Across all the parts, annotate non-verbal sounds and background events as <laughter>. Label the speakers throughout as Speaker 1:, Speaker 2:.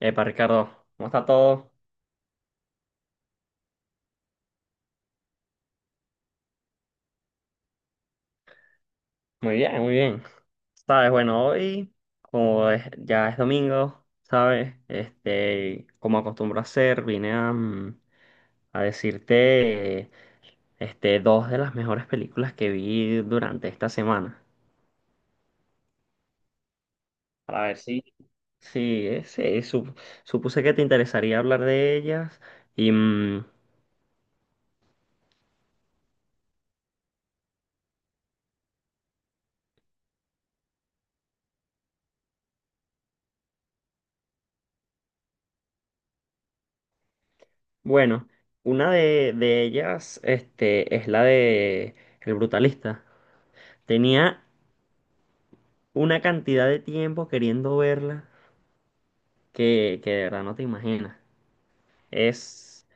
Speaker 1: Epa, Ricardo, ¿cómo está todo? Muy bien, muy bien. Sabes, bueno, hoy, ya es domingo, ¿sabes? Este, como acostumbro a hacer, vine a, a decirte, este, dos de las mejores películas que vi durante esta semana. Para ver si... Sí, sí, supuse que te interesaría hablar de ellas. Y bueno, una de ellas, este, es la de El Brutalista. Tenía una cantidad de tiempo queriendo verla que de verdad no te imaginas. Es...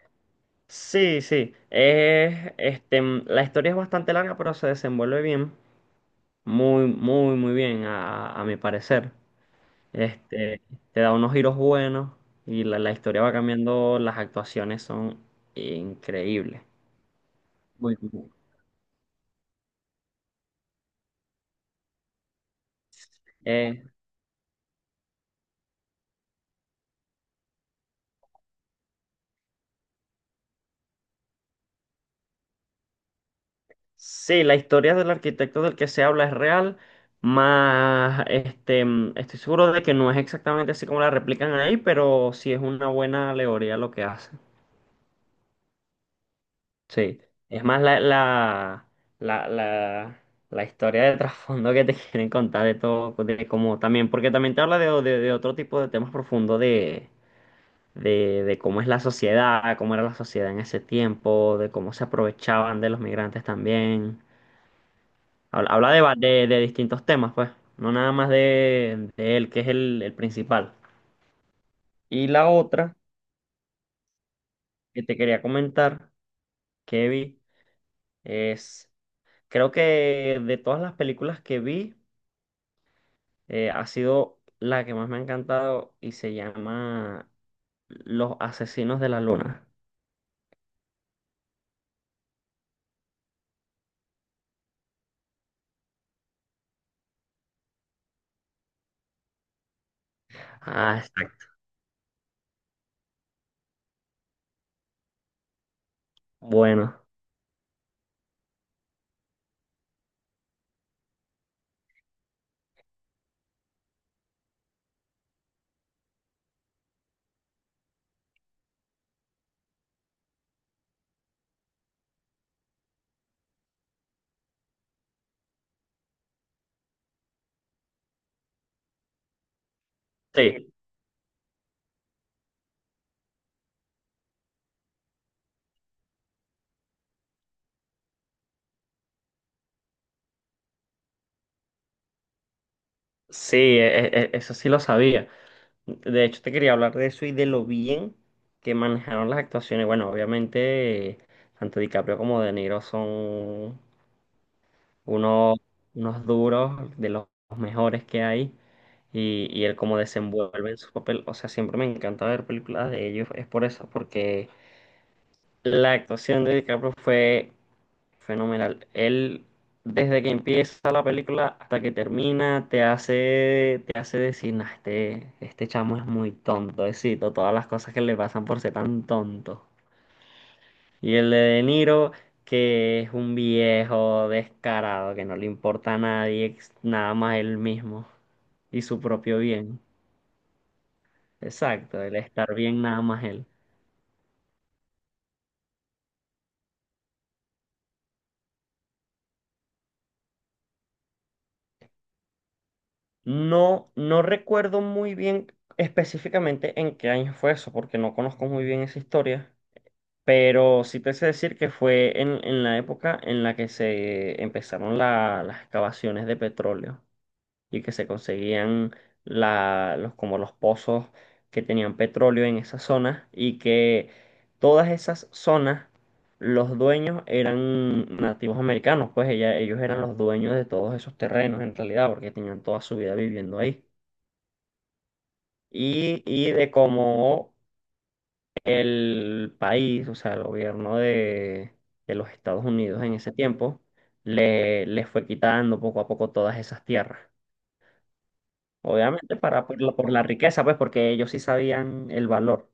Speaker 1: Sí, sí. Es, este, la historia es bastante larga, pero se desenvuelve bien. Muy, muy, muy bien, a mi parecer. Este, te da unos giros buenos y la historia va cambiando. Las actuaciones son increíbles. Muy bien. Sí, la historia del arquitecto del que se habla es real, más este, estoy seguro de que no es exactamente así como la replican ahí, pero sí es una buena alegoría lo que hacen. Sí, es más la, la, la historia de trasfondo que te <laughs> quieren contar de todo, de cómo también, porque también te habla de otro tipo de temas profundos de cómo es la sociedad, cómo era la sociedad en ese tiempo, de cómo se aprovechaban de los migrantes también. Habla, habla de distintos temas, pues, no nada más de él, que es el principal. Y la otra que te quería comentar, que vi, es, creo que de todas las películas que vi, ha sido la que más me ha encantado y se llama Los Asesinos de la Luna. Ah, está bueno. Sí, sí, eso sí lo sabía. De hecho, te quería hablar de eso y de lo bien que manejaron las actuaciones. Bueno, obviamente, tanto DiCaprio como De Niro son unos, unos duros, de los mejores que hay. Y él cómo desenvuelve en su papel. O sea, siempre me encanta ver películas de ellos. Es por eso, porque la actuación de DiCaprio fue fenomenal. Él, desde que empieza la película hasta que termina, te hace decir, "Nah, este chamo es muy tonto, éxito, todas las cosas que le pasan por ser tan tonto". Y el de De Niro, que es un viejo descarado, que no le importa a nadie, nada más él mismo y su propio bien. Exacto, el estar bien nada más él. No, no recuerdo muy bien específicamente en qué año fue eso, porque no conozco muy bien esa historia. Pero sí te sé decir que fue en la época en la que se empezaron las excavaciones de petróleo y que se conseguían los, como los pozos que tenían petróleo en esas zonas y que todas esas zonas, los dueños eran nativos americanos, pues ellos eran los dueños de todos esos terrenos en realidad porque tenían toda su vida viviendo ahí. Y de cómo el país, o sea, el gobierno de los Estados Unidos en ese tiempo, le fue quitando poco a poco todas esas tierras. Obviamente para, por la riqueza, pues porque ellos sí sabían el valor.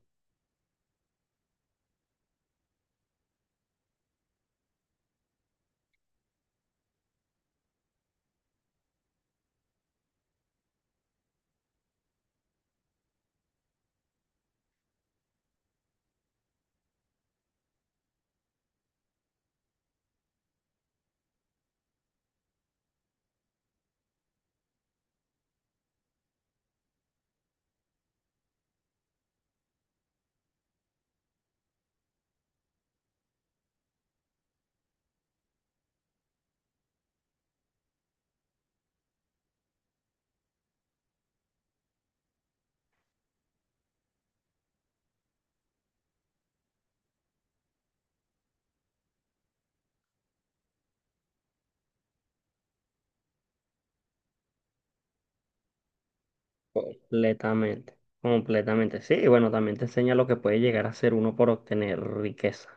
Speaker 1: Completamente, completamente. Sí, y bueno, también te enseña lo que puede llegar a ser uno por obtener riqueza.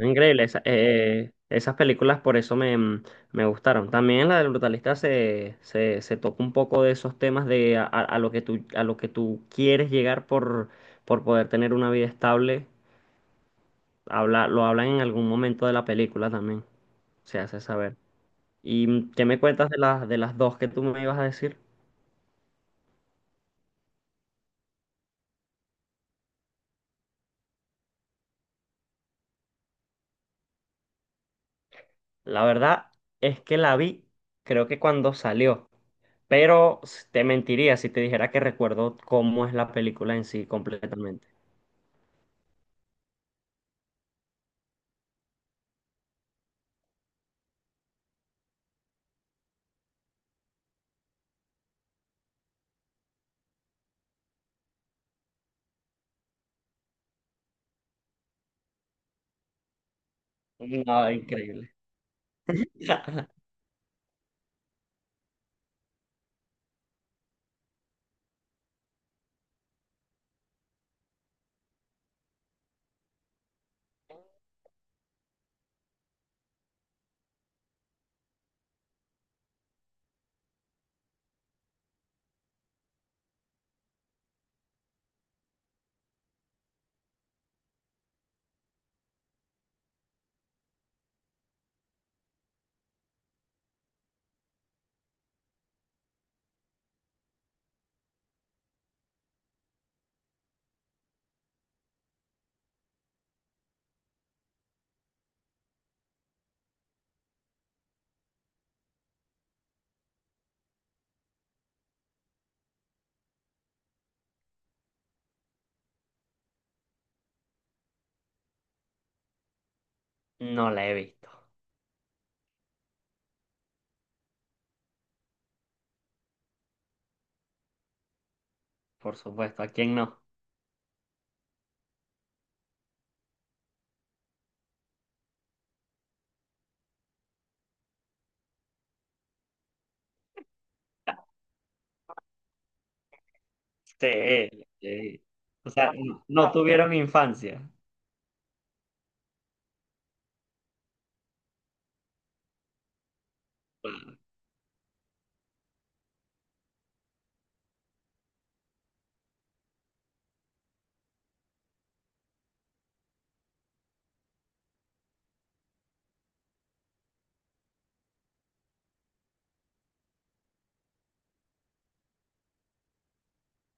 Speaker 1: Increíble, esas películas por eso me, me gustaron. También en la del brutalista se toca un poco de esos temas de a, a lo que tú quieres llegar por poder tener una vida estable. Habla, lo hablan en algún momento de la película también, se hace saber. ¿Y qué me cuentas de las dos que tú me ibas a decir? La verdad es que la vi, creo que cuando salió, pero te mentiría si te dijera que recuerdo cómo es la película en sí completamente. No, increíble. <laughs> No la he visto, por supuesto. ¿A quién no? Sí, sí. O sea, no, no tuvieron infancia.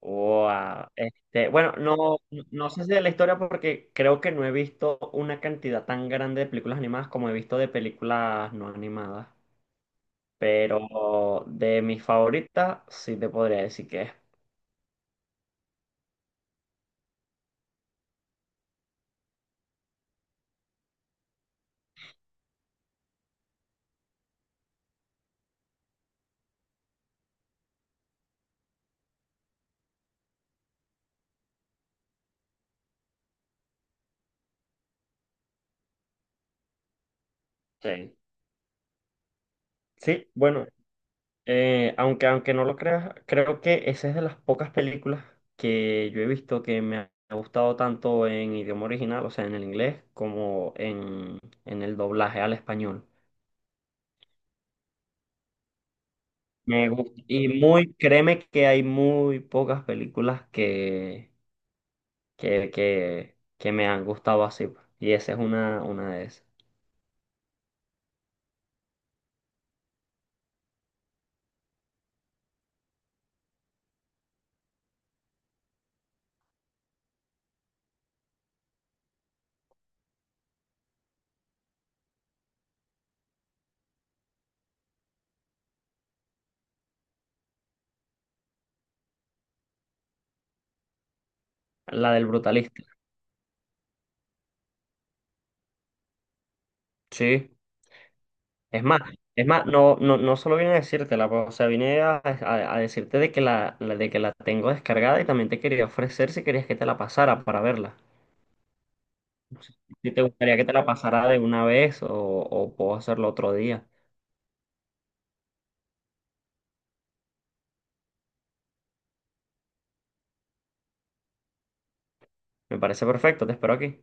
Speaker 1: Wow. Este, bueno, no, no sé si de la historia porque creo que no he visto una cantidad tan grande de películas animadas como he visto de películas no animadas. Pero de mis favoritas sí te podría decir que es. Sí. Sí, bueno, aunque, aunque no lo creas, creo que esa es de las pocas películas que yo he visto que me ha gustado tanto en idioma original, o sea, en el inglés, como en el doblaje al español. Me gusta. Y muy, créeme que hay muy pocas películas que me han gustado así, pues. Y esa es una de esas. La del brutalista. Sí. Es más, es más, no, no, no solo vine a decírtela, pues, o sea, vine a, a decirte de que de que la tengo descargada y también te quería ofrecer si querías que te la pasara para verla. Si si te gustaría que te la pasara de una vez o puedo hacerlo otro día. Me parece perfecto, te espero aquí.